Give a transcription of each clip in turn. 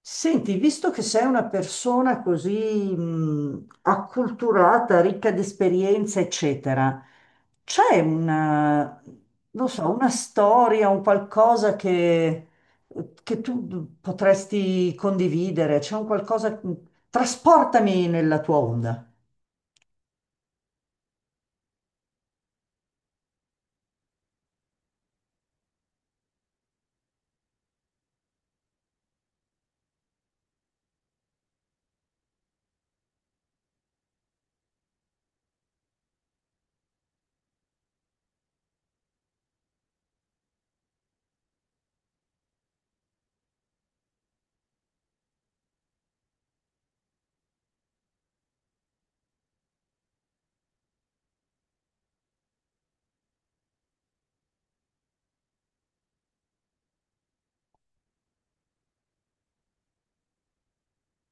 Senti, visto che sei una persona così acculturata, ricca di esperienza, eccetera, c'è una, non so, una storia, un qualcosa che tu potresti condividere? C'è un qualcosa... Trasportami nella tua onda.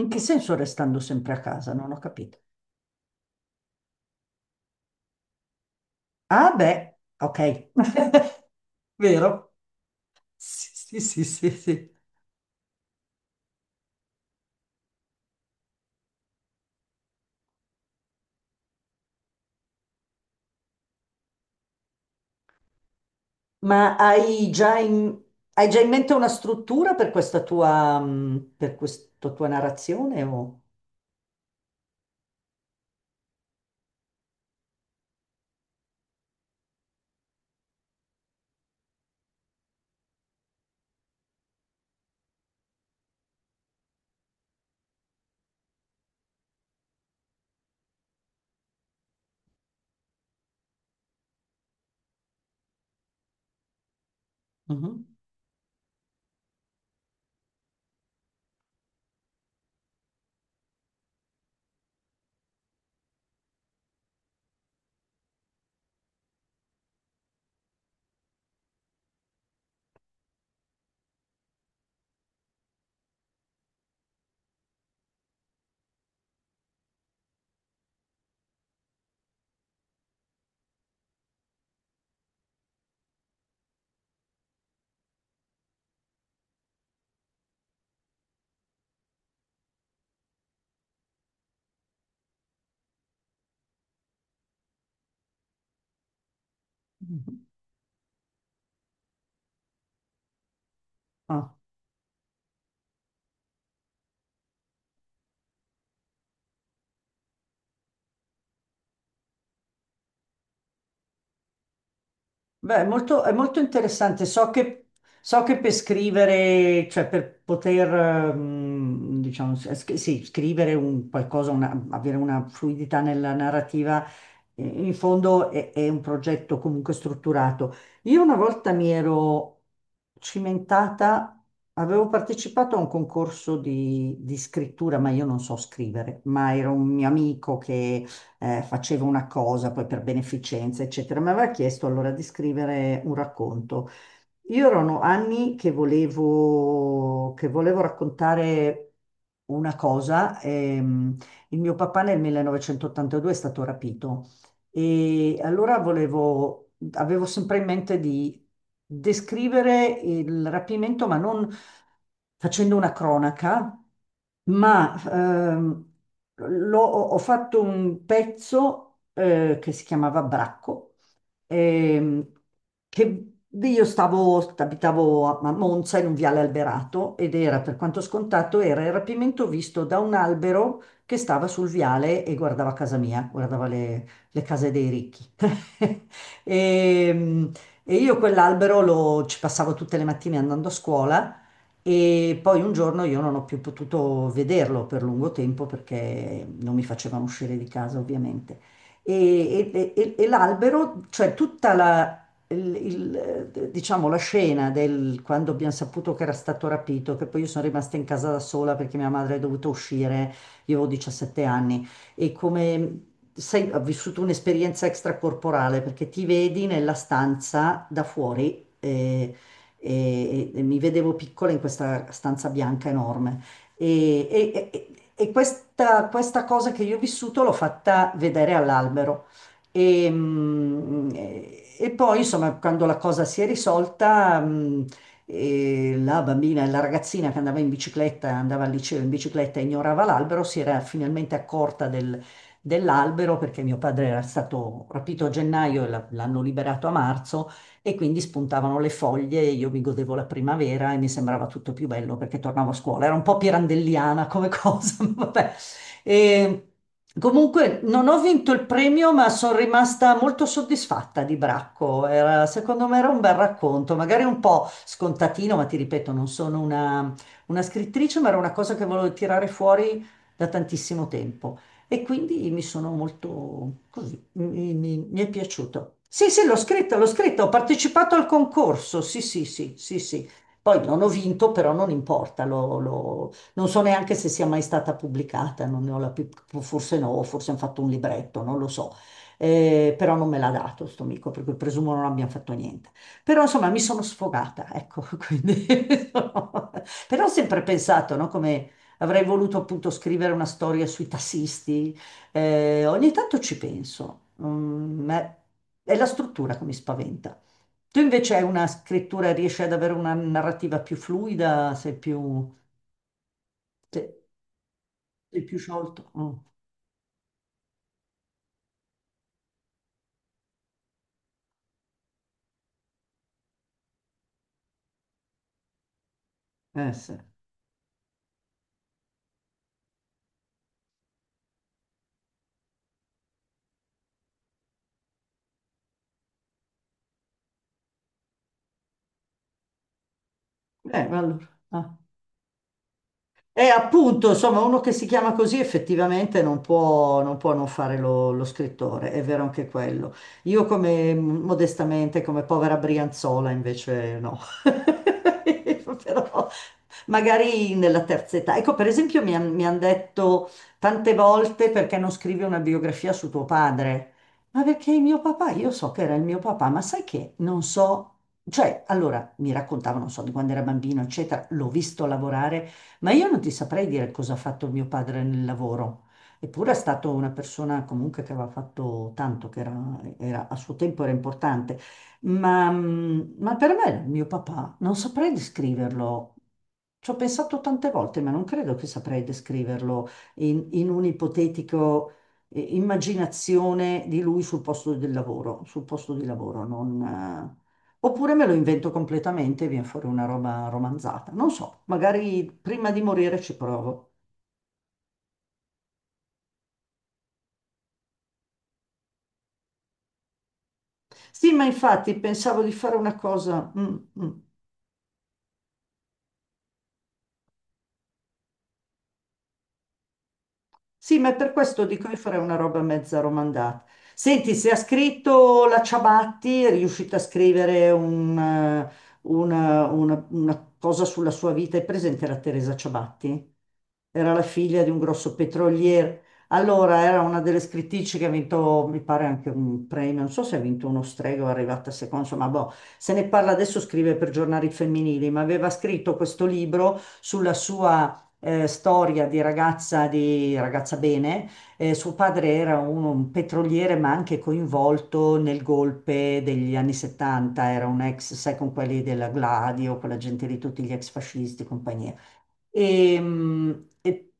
In che senso restando sempre a casa? Non ho capito. Ah, beh, ok. Vero? Sì, sì, sì, sì, sì. Ma hai già in, hai già in mente una struttura per questa tua, per questa tua narrazione? O... Mhm, mhm. Ah. Beh, è molto interessante. So che per scrivere, cioè per poter, diciamo, sì, scrivere un qualcosa, una- avere una fluidità nella narrativa, in fondo è un progetto comunque strutturato. Io una volta mi ero cimentata, avevo partecipato a un concorso di scrittura, ma io non so scrivere, ma era un mio amico faceva una cosa poi per beneficenza, eccetera. Mi aveva chiesto allora di scrivere un racconto. Io erano anni che volevo raccontare una cosa. Il mio papà nel 1982 è stato rapito e allora volevo, avevo sempre in mente di descrivere il rapimento, ma non facendo una cronaca ma l'ho- ho fatto un pezzo che si chiamava Bracco, ehm, che io stavo, abitavo a Monza in un viale alberato ed era, per quanto scontato, era il rapimento visto da un albero che stava sul viale e guardava casa mia, guardava le case dei ricchi. E, e io quell'albero lo, ci passavo tutte le mattine andando a scuola. E poi un giorno io non ho più potuto vederlo per lungo tempo perché non mi facevano uscire di casa, ovviamente. E, e l'albero, cioè tutta la, diciamo, la scena del quando abbiamo saputo che era stato rapito, che poi io sono rimasta in casa da sola perché mia madre è dovuta uscire, io avevo 17 anni, e come sai, ho vissuto un'esperienza extracorporale perché ti vedi nella stanza da fuori. E, e mi vedevo piccola in questa stanza bianca enorme. E, e questa, questa cosa che io ho vissuto l'ho fatta vedere all'albero. E, e poi, insomma, quando la cosa si è risolta, e la bambina, la ragazzina che andava in bicicletta, andava al liceo in bicicletta e ignorava l'albero, si era finalmente accorta dell'albero perché mio padre era stato rapito a gennaio e l'hanno liberato a marzo e quindi spuntavano le foglie e io mi godevo la primavera e mi sembrava tutto più bello perché tornavo a scuola. Era un po' pirandelliana come cosa, ma vabbè. E comunque non ho vinto il premio, ma sono rimasta molto soddisfatta di Bracco. Era- secondo me era un bel racconto, magari un po' scontatino, ma ti ripeto, non sono una scrittrice, ma era una cosa che volevo tirare fuori da tantissimo tempo. E quindi mi sono molto così, mi è piaciuto. Sì, sì, l'ho scritto, ho partecipato al concorso, sì, sì, sì, sì, sì. Poi non ho vinto, però non importa, non so neanche se sia mai stata pubblicata, non ne ho la più, forse no, forse hanno fatto un libretto, non lo so. Però non me l'ha dato sto amico, per cui presumo non abbiamo fatto niente. Però insomma mi sono sfogata, ecco, quindi... Però ho sempre pensato, no, come avrei voluto appunto scrivere una storia sui tassisti. Ogni tanto ci penso, ma è la struttura che mi spaventa. Tu invece hai una scrittura, riesci ad avere una narrativa più fluida, sei più, se- sei più sciolto. Mm. Eh sì. Allora. Ah. E appunto, insomma, uno che si chiama così effettivamente non può non, può non fare lo, lo scrittore, è vero anche quello. Io come modestamente, come povera Brianzola, invece no. Però magari nella terza età. Ecco, per esempio, mi hanno detto tante volte perché non scrivi una biografia su tuo padre. Ma perché il mio papà, io so che era il mio papà, ma sai che non so, cioè, allora mi raccontavano, non so, di quando era bambino, eccetera, l'ho visto lavorare, ma io non ti saprei dire cosa ha fatto mio padre nel lavoro. Eppure è stata una persona comunque che aveva fatto tanto, che era, era- a suo tempo era importante. Ma, ma per me, era mio papà, non saprei descriverlo. Ci ho pensato tante volte, ma non credo che saprei descriverlo in, in un'ipotetico immaginazione di lui sul posto del lavoro, sul posto di lavoro, non, eh, oppure me lo invento completamente e viene fuori una roba romanzata. Non so, magari prima di morire ci provo. Sì, ma infatti pensavo di fare una cosa. Mm, mm. Sì, ma per questo dico io farei una roba mezza romandata. Senti, se ha scritto la Ciabatti, è riuscita a scrivere un, una, una cosa sulla sua vita. È presente la Teresa Ciabatti? Era la figlia di un grosso petroliere. Allora, era una delle scrittrici che ha vinto, mi pare, anche un premio. Non so se ha vinto uno strega o è arrivata seconda, insomma, boh, se ne parla adesso, scrive per giornali femminili, ma aveva scritto questo libro sulla sua storia di ragazza bene. Suo padre era un petroliere, ma anche coinvolto nel golpe degli anni 70, era un ex, sai, con quelli della Gladio, quella gente lì, tutti gli ex fascisti e compagnia. E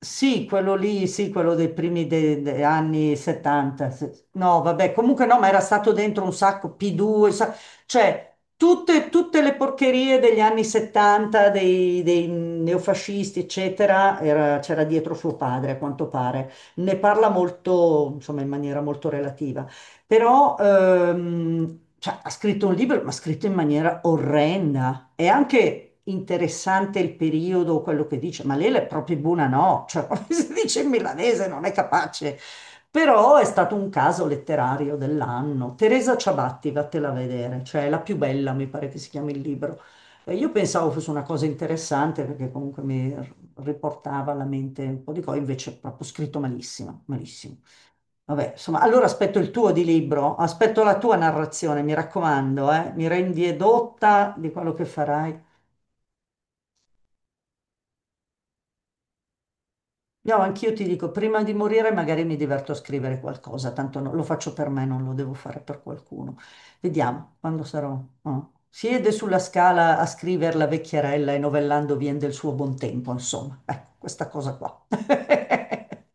sì, quello lì, sì, quello dei primi anni 70. No, vabbè, comunque no, ma era stato dentro un sacco P2, sa- cioè tutte, tutte le porcherie degli anni 70, dei, dei neofascisti, eccetera, era- c'era dietro suo padre, a quanto pare. Ne parla molto, insomma, in maniera molto relativa. Però cioè, ha scritto un libro, ma ha scritto in maniera orrenda. È anche interessante il periodo, quello che dice, ma lei è proprio buona, no? Cioè, come si dice in milanese, non è capace. Però è stato un caso letterario dell'anno. Teresa Ciabatti, vattela a vedere, cioè è la più bella, mi pare che si chiami il libro. Io pensavo fosse una cosa interessante perché comunque riportava alla mente un po' di cose, invece è proprio scritto malissimo, malissimo. Vabbè, insomma, allora aspetto il tuo di libro, aspetto la tua narrazione, mi raccomando, eh? Mi rendi edotta di quello che farai. No, anch'io ti dico, prima di morire magari mi diverto a scrivere qualcosa, tanto lo faccio per me, non lo devo fare per qualcuno. Vediamo, quando sarò... no. Siede sulla scala a scrivere la vecchierella e novellando vien del suo buon tempo, insomma. Ecco, questa cosa qua.